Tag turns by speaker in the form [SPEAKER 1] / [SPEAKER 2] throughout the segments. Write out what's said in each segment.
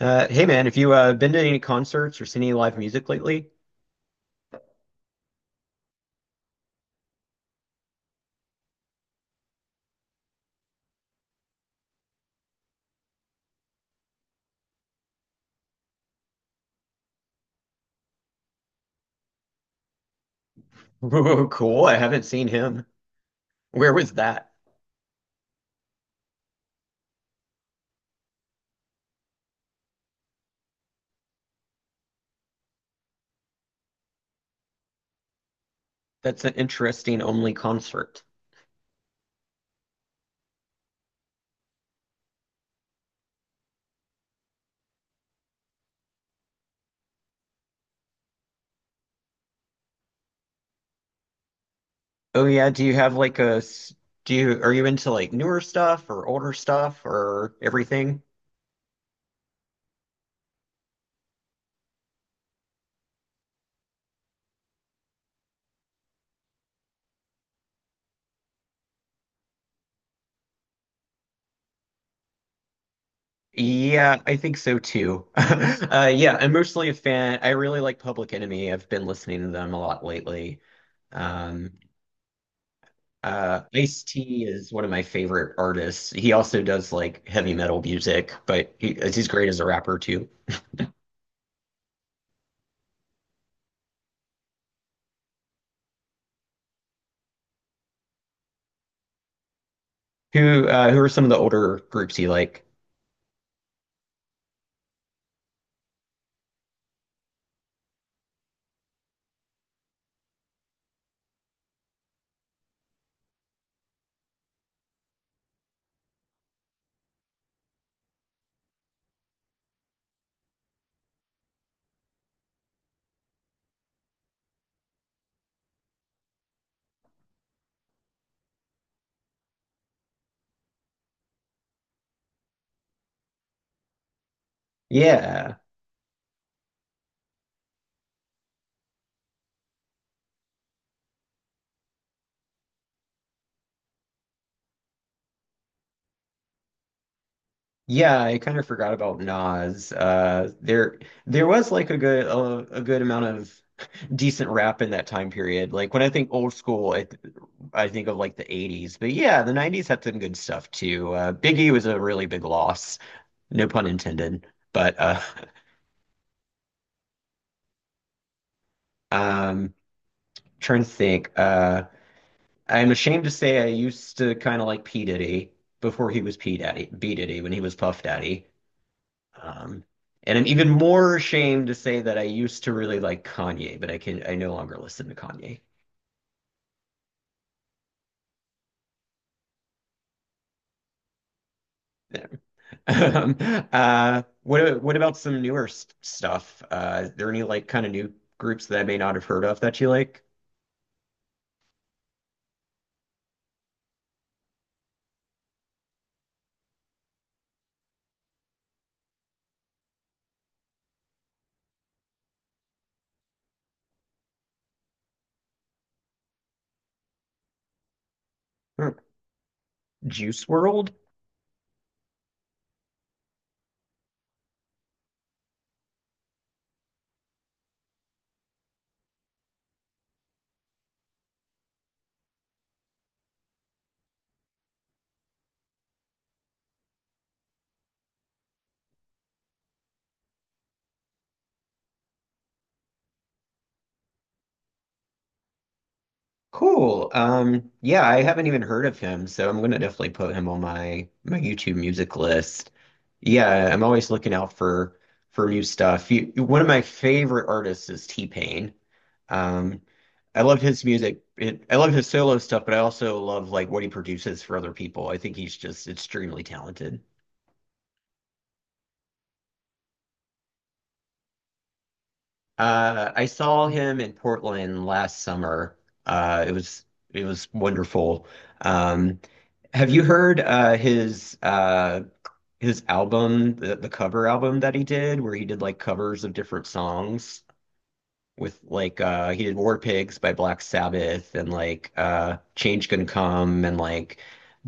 [SPEAKER 1] Hey man, have you been to any concerts or seen any live music lately? Ooh, cool. I haven't seen him. Where was that? That's an interesting only concert. Oh yeah, do you have like do you are you into like newer stuff or older stuff or everything? Yeah, I think so too. Yeah, I'm mostly a fan. I really like Public Enemy. I've been listening to them a lot lately. Um, Ice-T is one of my favorite artists. He also does like heavy metal music, but he's great as a rapper too. Who are some of the older groups you like? Yeah. Yeah, I kind of forgot about Nas. There was like a good amount of decent rap in that time period. Like when I think old school, I think of like the 80s. But yeah, the 90s had some good stuff too. Biggie was a really big loss, no pun intended. But um trying to think. I'm ashamed to say I used to kind of like P. Diddy before he was P. Daddy, B. Diddy when he was Puff Daddy. Um, and I'm even more ashamed to say that I used to really like Kanye, but I no longer listen to Kanye. Um, what about some newer stuff? Is there any like kind of new groups that I may not have heard of that you like? Hmm. Juice World? Cool. Yeah, I haven't even heard of him, so I'm gonna definitely put him on my YouTube music list. Yeah, I'm always looking out for new stuff. You, one of my favorite artists is T-Pain. Um, I love his music. I love his solo stuff, but I also love like what he produces for other people. I think he's just extremely talented. I saw him in Portland last summer. Uh, it was it was wonderful. Um, have you heard his album, the cover album that he did, where he did like covers of different songs? With like he did War Pigs by Black Sabbath and like Change Can Come and like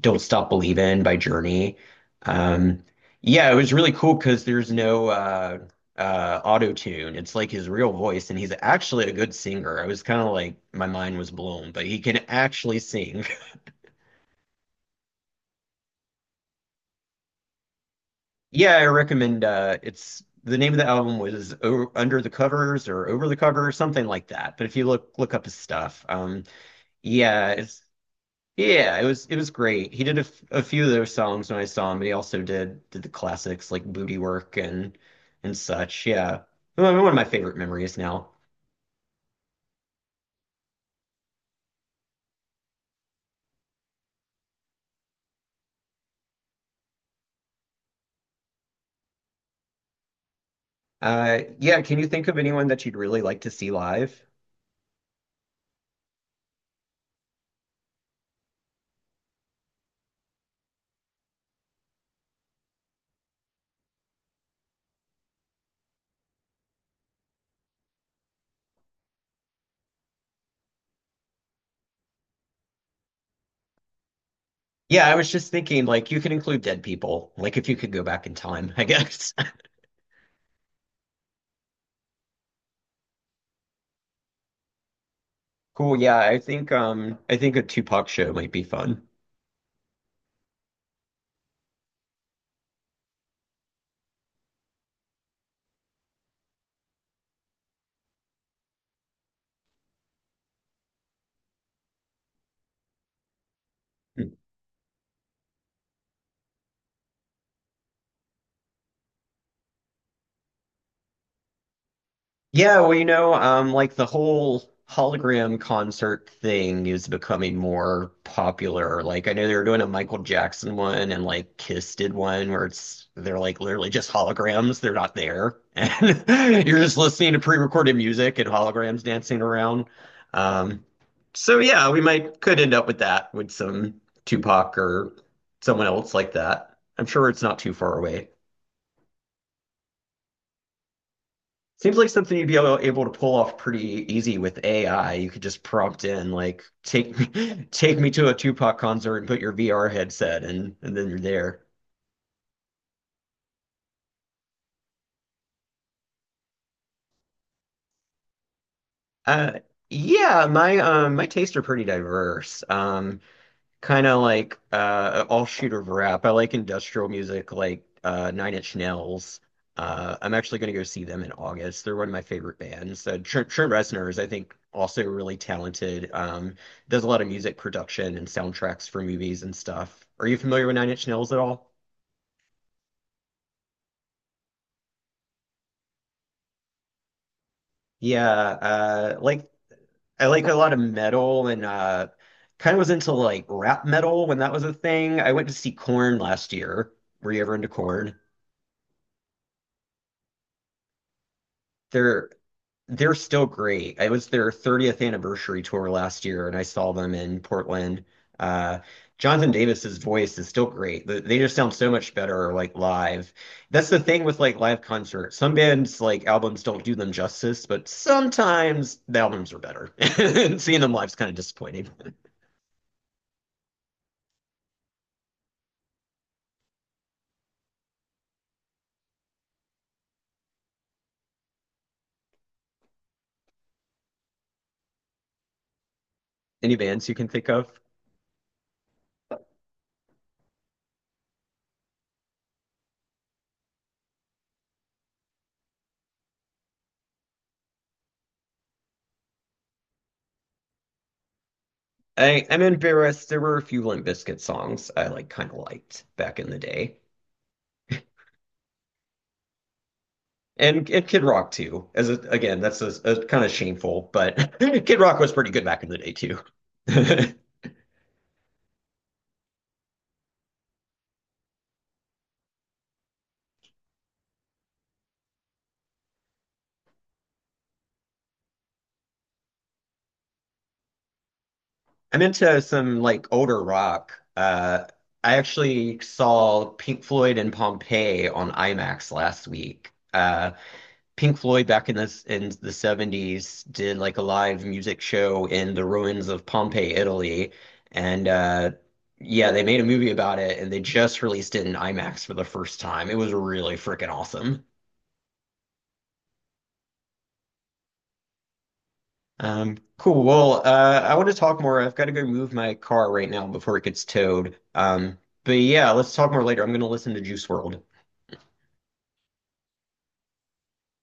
[SPEAKER 1] Don't Stop Believin' by Journey. Um yeah, it was really cool because there's no auto tune. It's like his real voice and he's actually a good singer. I was kind of like my mind was blown, but he can actually sing. Yeah, I recommend it's the name of the album was o Under the Covers or Over the Cover or something like that. But if you look up his stuff. Yeah, it's yeah, it was great. He did a few of those songs when I saw him, but he also did the classics like Booty Work and such. Yeah. One of my favorite memories now. Yeah, can you think of anyone that you'd really like to see live? Yeah, I was just thinking like you can include dead people, like if you could go back in time, I guess. Cool, yeah, I think a Tupac show might be fun. Yeah, well, you know, like the whole hologram concert thing is becoming more popular. Like I know they were doing a Michael Jackson one and like Kiss did one where it's they're like literally just holograms, they're not there. And you're just listening to pre-recorded music and holograms dancing around. Um, so yeah, we might could end up with that with some Tupac or someone else like that. I'm sure it's not too far away. Seems like something you'd be able to pull off pretty easy with AI. You could just prompt in like take me take me to a Tupac concert and put your VR headset and then you're there. Uh yeah, my my tastes are pretty diverse. Kind of like all shooter rap. I like industrial music like Nine Inch Nails. I'm actually going to go see them in August. They're one of my favorite bands. Trent Reznor is I think also really talented. Does a lot of music production and soundtracks for movies and stuff. Are you familiar with Nine Inch Nails at all? Yeah, like I like a lot of metal and kind of was into like rap metal when that was a thing. I went to see Corn last year. Were you ever into Corn? They're They're still great. It was their 30th anniversary tour last year, and I saw them in Portland. Uh, Jonathan Davis's voice is still great. They just sound so much better, like live. That's the thing with like live concerts. Some bands like albums don't do them justice, but sometimes the albums are better. And seeing them live is kind of disappointing. Any bands you can think of? I'm embarrassed. There were a few Limp Bizkit songs I kind of liked back in the day. And Kid Rock too. Again, that's a kind of shameful, but Kid Rock was pretty good back in the day too. I'm into some like older rock. I actually saw Pink Floyd and Pompeii on IMAX last week. Pink Floyd back in this in the 70s did like a live music show in the ruins of Pompeii, Italy, and yeah, they made a movie about it, and they just released it in IMAX for the first time. It was really freaking awesome. Cool. Well, I want to talk more. I've got to go move my car right now before it gets towed. But yeah, let's talk more later. I'm going to listen to Juice World.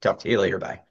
[SPEAKER 1] Talk to you later. Bye.